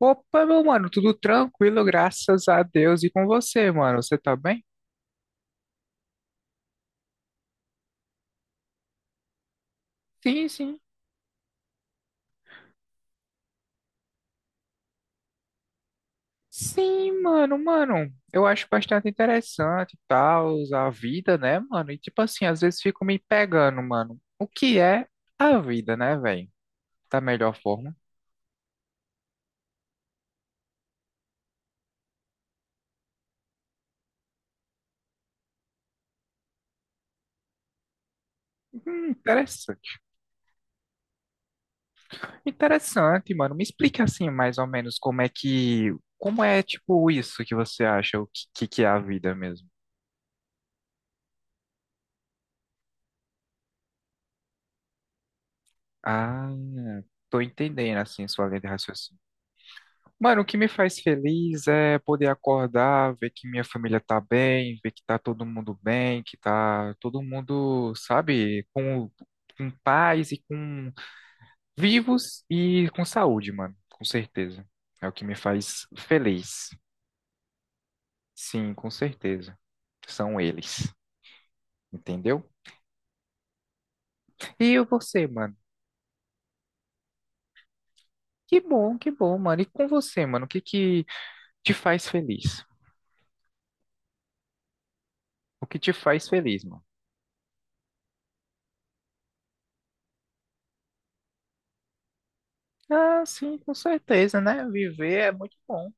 Opa, meu mano, tudo tranquilo, graças a Deus. E com você, mano? Você tá bem? Sim, sim. Sim, mano, mano. Eu acho bastante interessante e tal, a vida, né, mano? E tipo assim, às vezes fico me pegando, mano. O que é a vida, né, velho? Da melhor forma. Interessante. Interessante, mano. Me explica assim, mais ou menos, como é que. Como é, tipo, isso que você acha, o que, que é a vida mesmo? Ah, tô entendendo, assim, sua linha de raciocínio. Mano, o que me faz feliz é poder acordar, ver que minha família tá bem, ver que tá todo mundo bem, que tá todo mundo, sabe, com paz e com vivos e com saúde, mano, com certeza. É o que me faz feliz. Sim, com certeza. São eles, entendeu? E você, mano? Que bom, mano. E com você, mano? O que que te faz feliz? O que te faz feliz, mano? Ah, sim, com certeza, né? Viver é muito bom.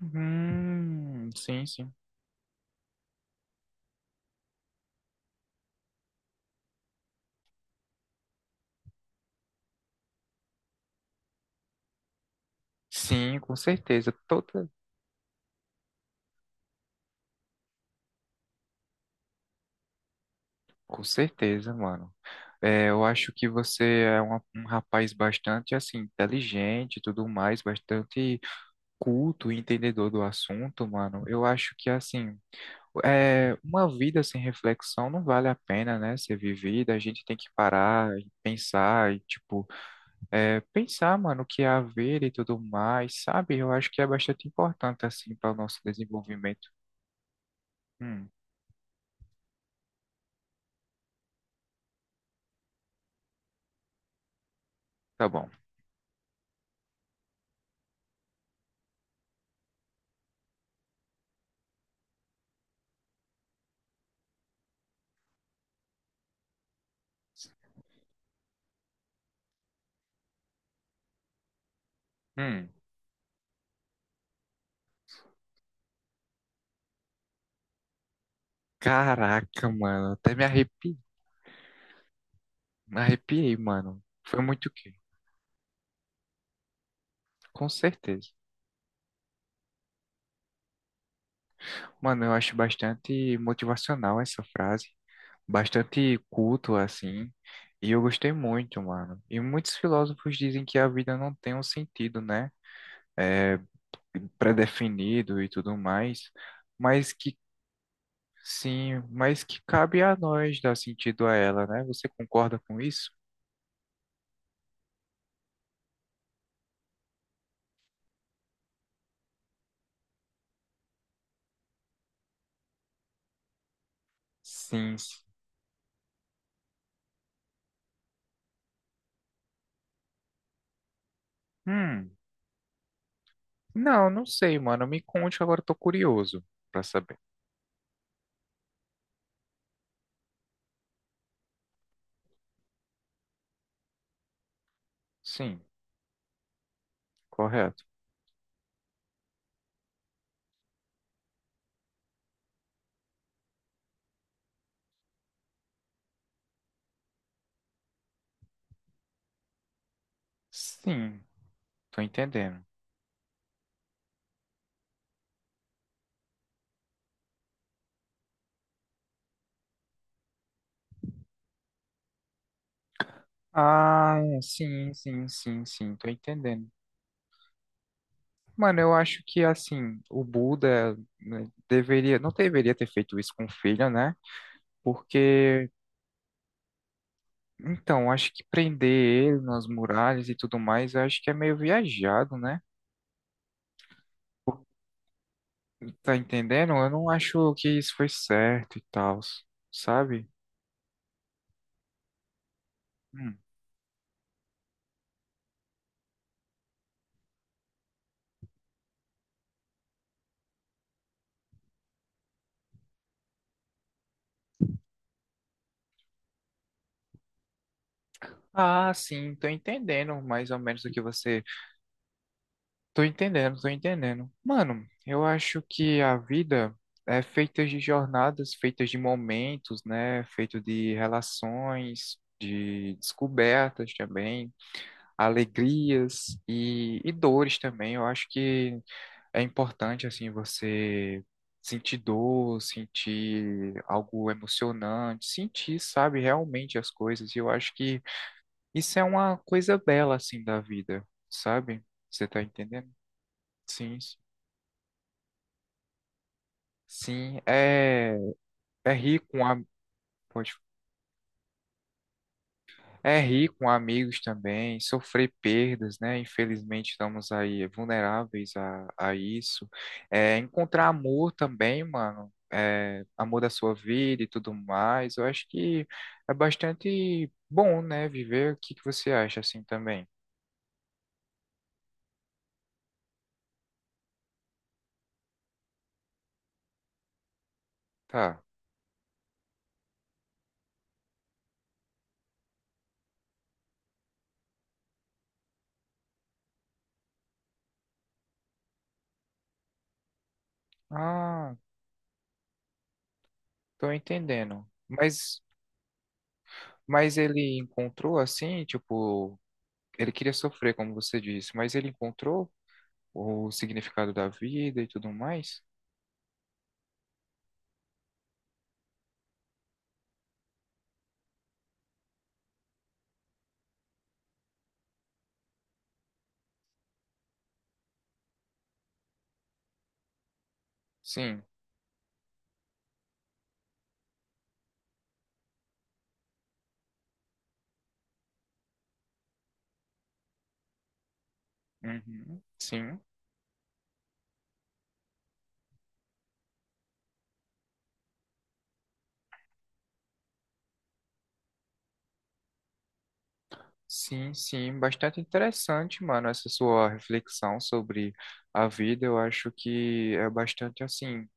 Sim, sim. Sim, com certeza. Toda, com certeza, mano. É, eu acho que você é um rapaz bastante assim, inteligente e tudo mais, bastante culto e entendedor do assunto, mano. Eu acho que assim, é, uma vida sem reflexão não vale a pena, né, ser vivida. A gente tem que parar e pensar e, tipo, é, pensar, mano, o que é a vida e tudo mais, sabe? Eu acho que é bastante importante, assim, para o nosso desenvolvimento. Hum. Tá bom. Hum. Caraca, mano. Me arrepiei, mano. Foi muito quê? Com certeza. Mano, eu acho bastante motivacional essa frase. Bastante culto, assim. E eu gostei muito, mano. E muitos filósofos dizem que a vida não tem um sentido, né? É definido e tudo mais. Mas que, sim, mas que cabe a nós dar sentido a ela, né? Você concorda com isso? Sim, sim. Hum. Não, não sei, mano. Me conte que agora eu tô curioso pra saber. Sim, correto. Sim, tô entendendo. Ah, é, sim, sim, sim, sim, tô entendendo. Mano, eu acho que assim, o Buda né, deveria, não deveria ter feito isso com o filho, né? Porque, então, acho que prender ele nas muralhas e tudo mais, eu acho que é meio viajado, né? Tá entendendo? Eu não acho que isso foi certo e tal, sabe? Hum. Ah, sim, tô entendendo mais ou menos o que você. Tô entendendo, tô entendendo. Mano, eu acho que a vida é feita de jornadas, feitas de momentos, né? Feito de relações, de descobertas também, alegrias e dores também. Eu acho que é importante, assim, você sentir dor, sentir algo emocionante, sentir, sabe, realmente as coisas. E eu acho que. Isso é uma coisa bela, assim, da vida, sabe? Você tá entendendo? Sim, sim, sim, é, é rir com a, pode- é rir com amigos também, sofrer perdas, né? Infelizmente estamos aí vulneráveis a isso. É, encontrar amor também, mano. É, amor da sua vida e tudo mais. Eu acho que é bastante bom, né? Viver. O que que você acha assim também? Tá. Ah, tô entendendo. Mas ele encontrou assim, tipo, ele queria sofrer, como você disse, mas ele encontrou o significado da vida e tudo mais? Sim. Uhum. Sim. Sim, sim, bastante interessante, mano, essa sua reflexão sobre a vida. Eu acho que é bastante assim,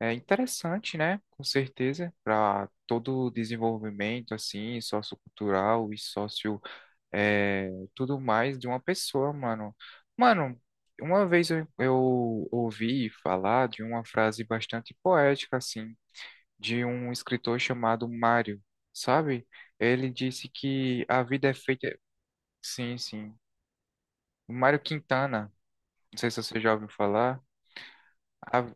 é interessante, né? Com certeza, para todo o desenvolvimento assim, sociocultural e é, tudo mais de uma pessoa, mano. Mano, uma vez eu ouvi falar de uma frase bastante poética, assim, de um escritor chamado Mário, sabe? Ele disse que a vida é feita. Sim, sim. Mário Quintana, não sei se você já ouviu falar. A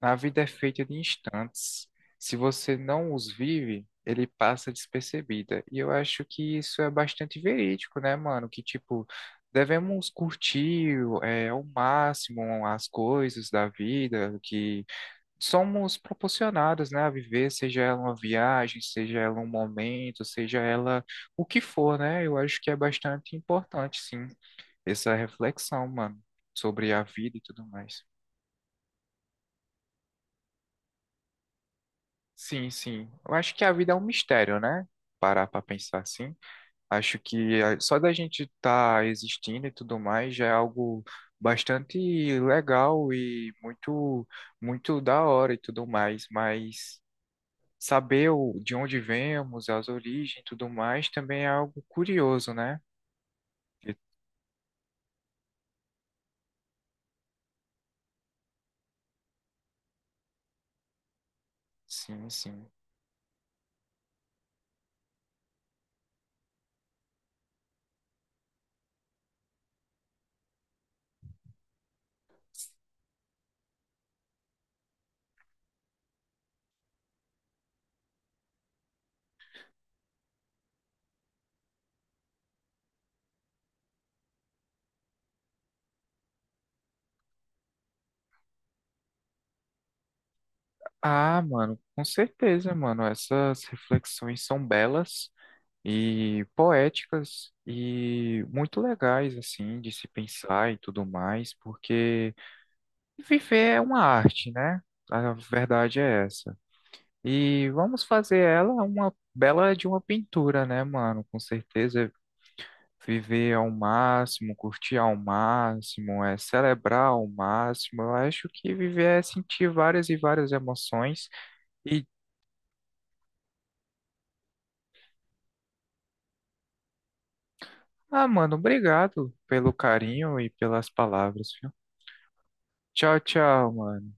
A vida é feita de instantes. Se você não os vive, ele passa despercebida. E eu acho que isso é bastante verídico, né, mano? Que, tipo, devemos curtir é, ao máximo as coisas da vida que somos proporcionados, né, a viver, seja ela uma viagem, seja ela um momento, seja ela o que for, né? Eu acho que é bastante importante, sim, essa reflexão, mano, sobre a vida e tudo mais. Sim, sim. Eu acho que a vida é um mistério, né? Parar pra pensar assim. Acho que só da gente estar existindo e tudo mais já é algo bastante legal e muito, muito da hora e tudo mais. Mas saber de onde vemos, as origens e tudo mais também é algo curioso, né? E- sim, sim. Ah, mano, com certeza, mano. Essas reflexões são belas e poéticas e muito legais assim de se pensar e tudo mais, porque viver é uma arte, né? A verdade é essa. E vamos fazer ela uma bela de uma pintura, né, mano? Com certeza viver ao máximo, curtir ao máximo, é celebrar ao máximo. Eu acho que viver é sentir várias e várias emoções e ah, mano, obrigado pelo carinho e pelas palavras, viu? Tchau, tchau, mano.